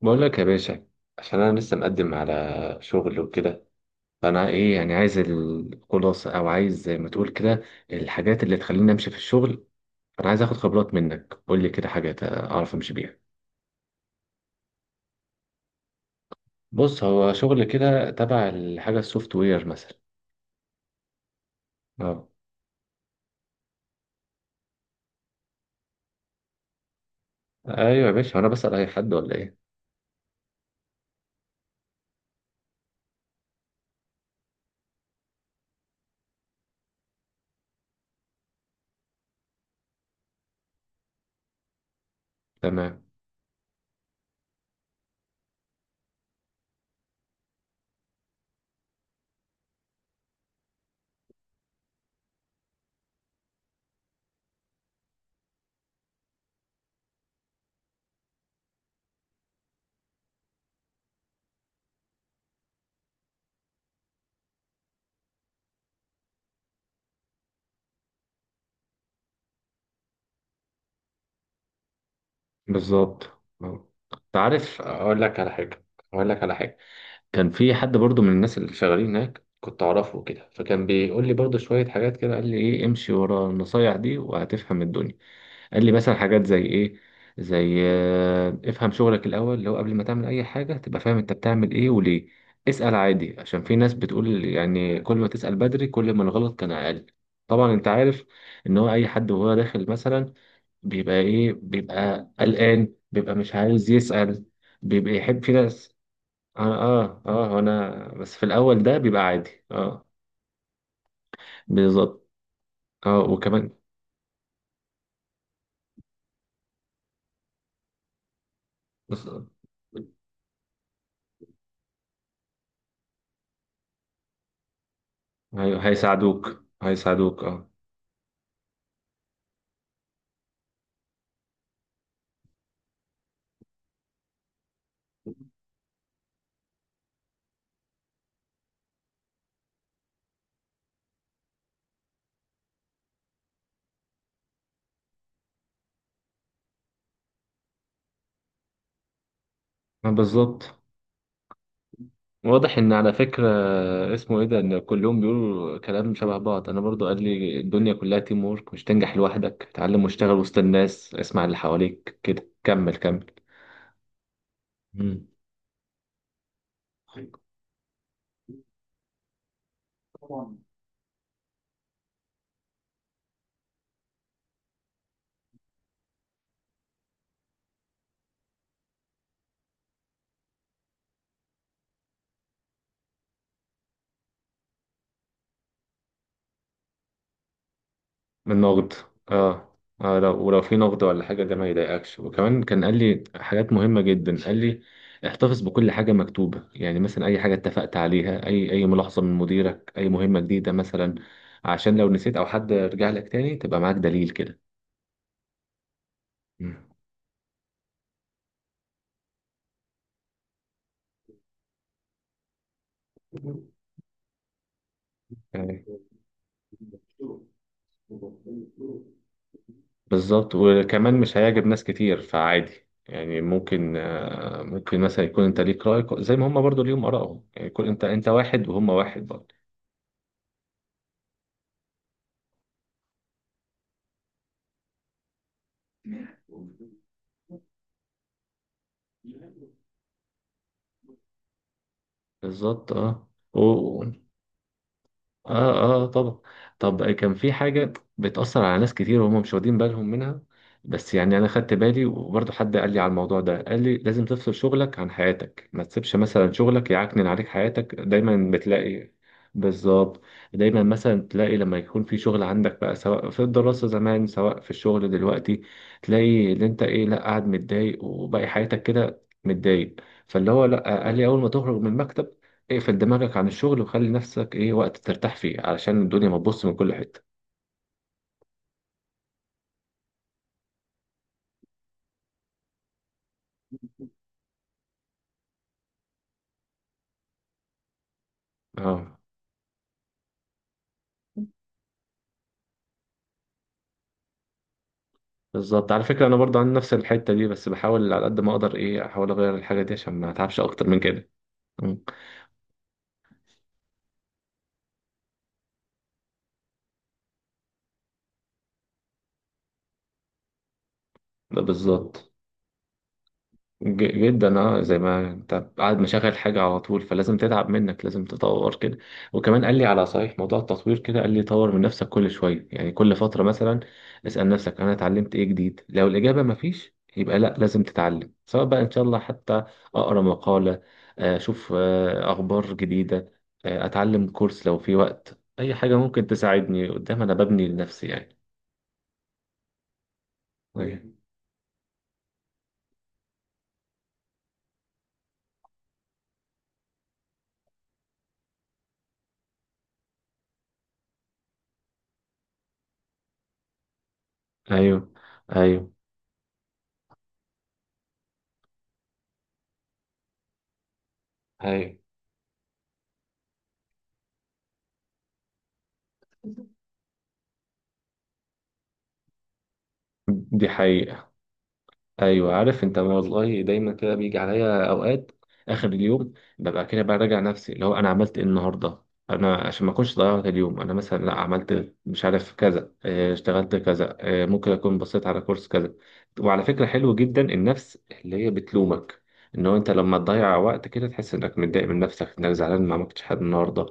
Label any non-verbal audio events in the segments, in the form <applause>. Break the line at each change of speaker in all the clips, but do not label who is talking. بقول لك يا باشا، عشان انا لسه مقدم على شغل وكده. فانا ايه يعني، عايز الخلاصه او عايز زي ما تقول كده، الحاجات اللي تخليني امشي في الشغل. انا عايز اخد خبرات منك، قول لي كده حاجات اعرف امشي بيها. بص، هو شغل كده تبع الحاجه السوفت وير مثلا. اه. ايوه يا باشا، انا بسأل اي حد ولا ايه؟ تمام. بالظبط اه. تعرف اقول لك على حاجه. اقول لك على حاجه. كان في حد برضو من الناس اللي شغالين هناك كنت اعرفه كده، فكان بيقول لي برضو شوية حاجات كده. قال لي ايه، امشي ورا النصايح دي وهتفهم الدنيا. قال لي مثلا حاجات زي ايه؟ زي افهم شغلك الاول، اللي هو قبل ما تعمل اي حاجة تبقى فاهم انت بتعمل ايه وليه. اسأل عادي، عشان في ناس بتقول يعني كل ما تسأل بدري كل ما الغلط كان اقل. طبعا انت عارف ان هو اي حد وهو داخل مثلا بيبقى ايه، بيبقى قلقان، بيبقى مش عايز يسأل. بيبقى يحب في ناس. اه اه اه، انا بس في الاول ده بيبقى عادي اه. بالظبط اه. وكمان بس. هيساعدوك اه. بالظبط. واضح ان على فكرة اسمه ايه ده ان كلهم بيقولوا كلام شبه بعض. انا برضو قال لي الدنيا كلها تيم وورك، مش تنجح لوحدك. اتعلم واشتغل وسط الناس، اسمع اللي حواليك، كده كمل كمل. مم. من نقد. اه اه، ولو في نقد ولا حاجة، ده ما يضايقكش. وكمان كان قال لي حاجات مهمة جدا. قال لي احتفظ بكل حاجة مكتوبة، يعني مثلا أي حاجة اتفقت عليها، أي ملاحظة من مديرك، أي مهمة جديدة مثلا، عشان لو نسيت أو حد رجع لك تاني تبقى معاك دليل كده. مم. يعني بالظبط. وكمان مش هيعجب ناس كتير، فعادي يعني ممكن مثلا يكون انت ليك رأي زي ما هم برضو ليهم آرائهم، يعني يكون انت واحد وهم واحد برضو. بالظبط اه. و- و- اه اه طبعا. طب كان في حاجة بتأثر على ناس كتير وهم مش واخدين بالهم منها. بس يعني أنا خدت بالي، وبرضه حد قال لي على الموضوع ده. قال لي لازم تفصل شغلك عن حياتك، ما تسيبش مثلا شغلك يعكنن عليك حياتك. دايما بتلاقي بالظبط، دايما مثلا تلاقي لما يكون في شغل عندك بقى، سواء في الدراسة زمان سواء في الشغل دلوقتي، تلاقي اللي انت ايه لا قاعد متضايق وباقي حياتك كده متضايق. فاللي هو لا، قال لي اول ما تخرج من المكتب اقفل دماغك عن الشغل وخلي نفسك ايه وقت ترتاح فيه، علشان الدنيا ما تبص من كل حتة. اه بالظبط. على فكرة انا برضه عندي نفس الحتة دي، بس بحاول على قد ما اقدر ايه احاول اغير الحاجة دي عشان ما اتعبش اكتر من كده. مم. ده بالظبط جدا اه. زي ما انت قاعد مشغل حاجة على طول فلازم تتعب منك، لازم تطور كده. وكمان قال لي على صحيح، موضوع التطوير كده قال لي طور من نفسك كل شوية. يعني كل فترة مثلا اسأل نفسك انا اتعلمت ايه جديد، لو الإجابة ما فيش يبقى لا لازم تتعلم. سواء بقى ان شاء الله حتى اقرا مقالة، اشوف اخبار جديدة، اتعلم كورس لو في وقت، اي حاجة ممكن تساعدني قدام انا ببني لنفسي يعني. ايوه ايوه ايوه ايوه. دي حقيقة. ايوه عارف انت، ما والله دايما كده بيجي عليا اوقات اخر اليوم ببقى كده براجع نفسي اللي هو انا عملت ايه النهارده. انا عشان ما اكونش ضيعت اليوم، انا مثلا لا عملت مش عارف كذا، اشتغلت كذا، ممكن اكون بصيت على كورس كذا. وعلى فكره حلو جدا النفس اللي هي بتلومك، ان هو انت لما تضيع وقت كده تحس انك متضايق من نفسك، انك زعلان ما عملتش حاجه النهارده.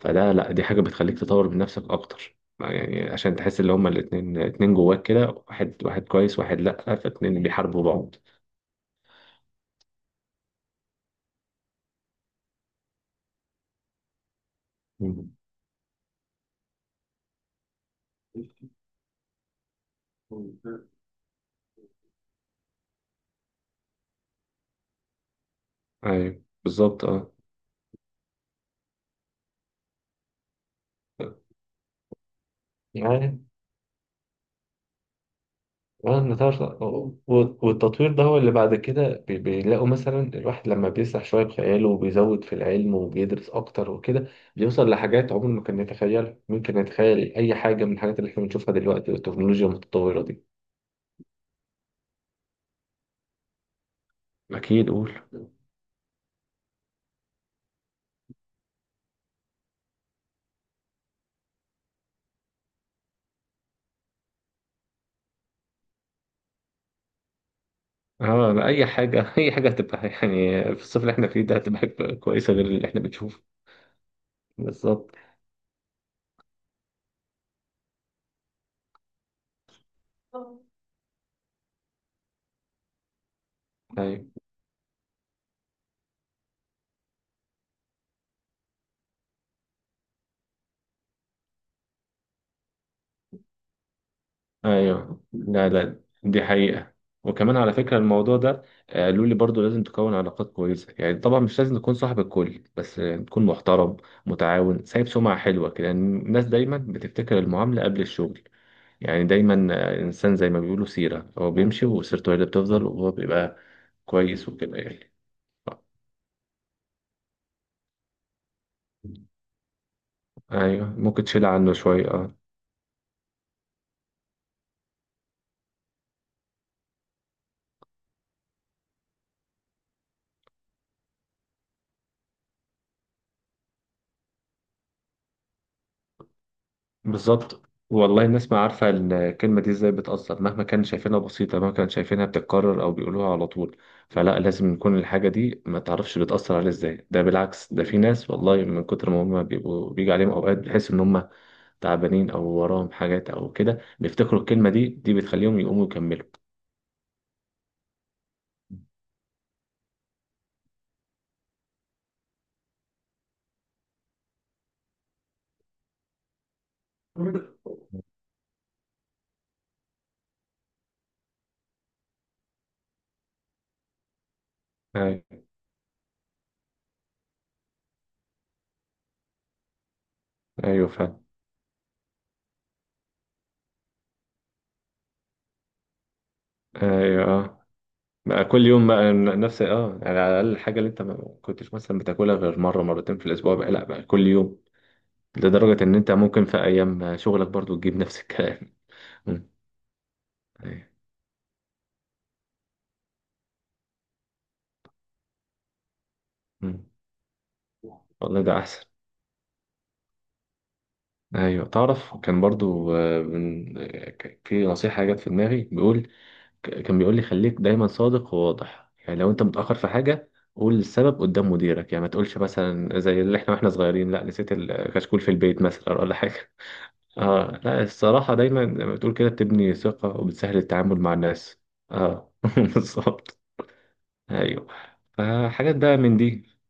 فده لا، دي حاجه بتخليك تطور من نفسك اكتر. يعني عشان تحس ان هما الاتنين اتنين جواك كده، واحد واحد كويس واحد لأ، فاتنين بيحاربوا بعض. مم. ايوه بالظبط اه. يعني آه، النتاج- والتطوير ده هو اللي بعد كده بيلاقوا مثلا الواحد لما بيسرح شوية بخياله وبيزود في العلم وبيدرس أكتر وكده، بيوصل لحاجات عمره ما كان يتخيلها. ممكن يتخيل أي حاجة من الحاجات اللي احنا بنشوفها دلوقتي والتكنولوجيا المتطورة دي. اكيد قول. اه لا، اي حاجه <laughs> اي حاجه هتبقى، يعني في الصيف اللي احنا فيه ده هتبقى حاجة كويسه غير اللي احنا بنشوفه. بالظبط. ايوه ايوه لا لا، دي حقيقه. وكمان على فكره الموضوع ده، قالوا لي برضو لازم تكون علاقات كويسه. يعني طبعا مش لازم تكون صاحب الكل، بس تكون محترم متعاون، سايب سمعه حلوه كده. يعني الناس دايما بتفتكر المعامله قبل الشغل. يعني دايما انسان زي ما بيقولوا سيره، هو بيمشي وسيرته هي اللي بتفضل، وهو بيبقى كويس وكده يعني. ايوه ممكن تشيل عنه شويه اه. بالظبط. والله الناس ما عارفه الكلمه دي ازاي بتاثر، مهما كان شايفينها بسيطه، مهما كان شايفينها بتتكرر او بيقولوها على طول. فلا، لازم يكون الحاجه دي ما تعرفش بتاثر عليه ازاي، ده بالعكس. ده في ناس والله من كتر ما هم بيبقوا بيجي عليهم اوقات بيحس ان هم تعبانين او وراهم حاجات او كده، بيفتكروا الكلمه دي دي بتخليهم يقوموا يكملوا. ايوه ايوه فاهم. ايوه بقى كل يوم بقى نفس اه، يعني على الأقل الحاجة اللي أنت ما كنتش مثلا بتاكلها غير مرة مرتين في الأسبوع بقى لأ بقى كل يوم، لدرجة إن أنت ممكن في أيام شغلك برضو تجيب نفس الكلام. <laughs> مم. أيوة. مم. والله ده أحسن. أيوه تعرف كان برضو في نصيحة جت في دماغي بيقول. كان بيقول لي خليك دايما صادق وواضح. يعني لو أنت متأخر في حاجة قول السبب قدام مديرك، يعني ما تقولش مثلا زي اللي احنا واحنا صغيرين لا نسيت الكشكول في البيت مثلا ولا حاجة. اه لا، الصراحة دايما زي ما بتقول كده بتبني ثقة وبتسهل التعامل مع الناس. اه <laughs> بالظبط. ايوه. فحاجات بقى من دي.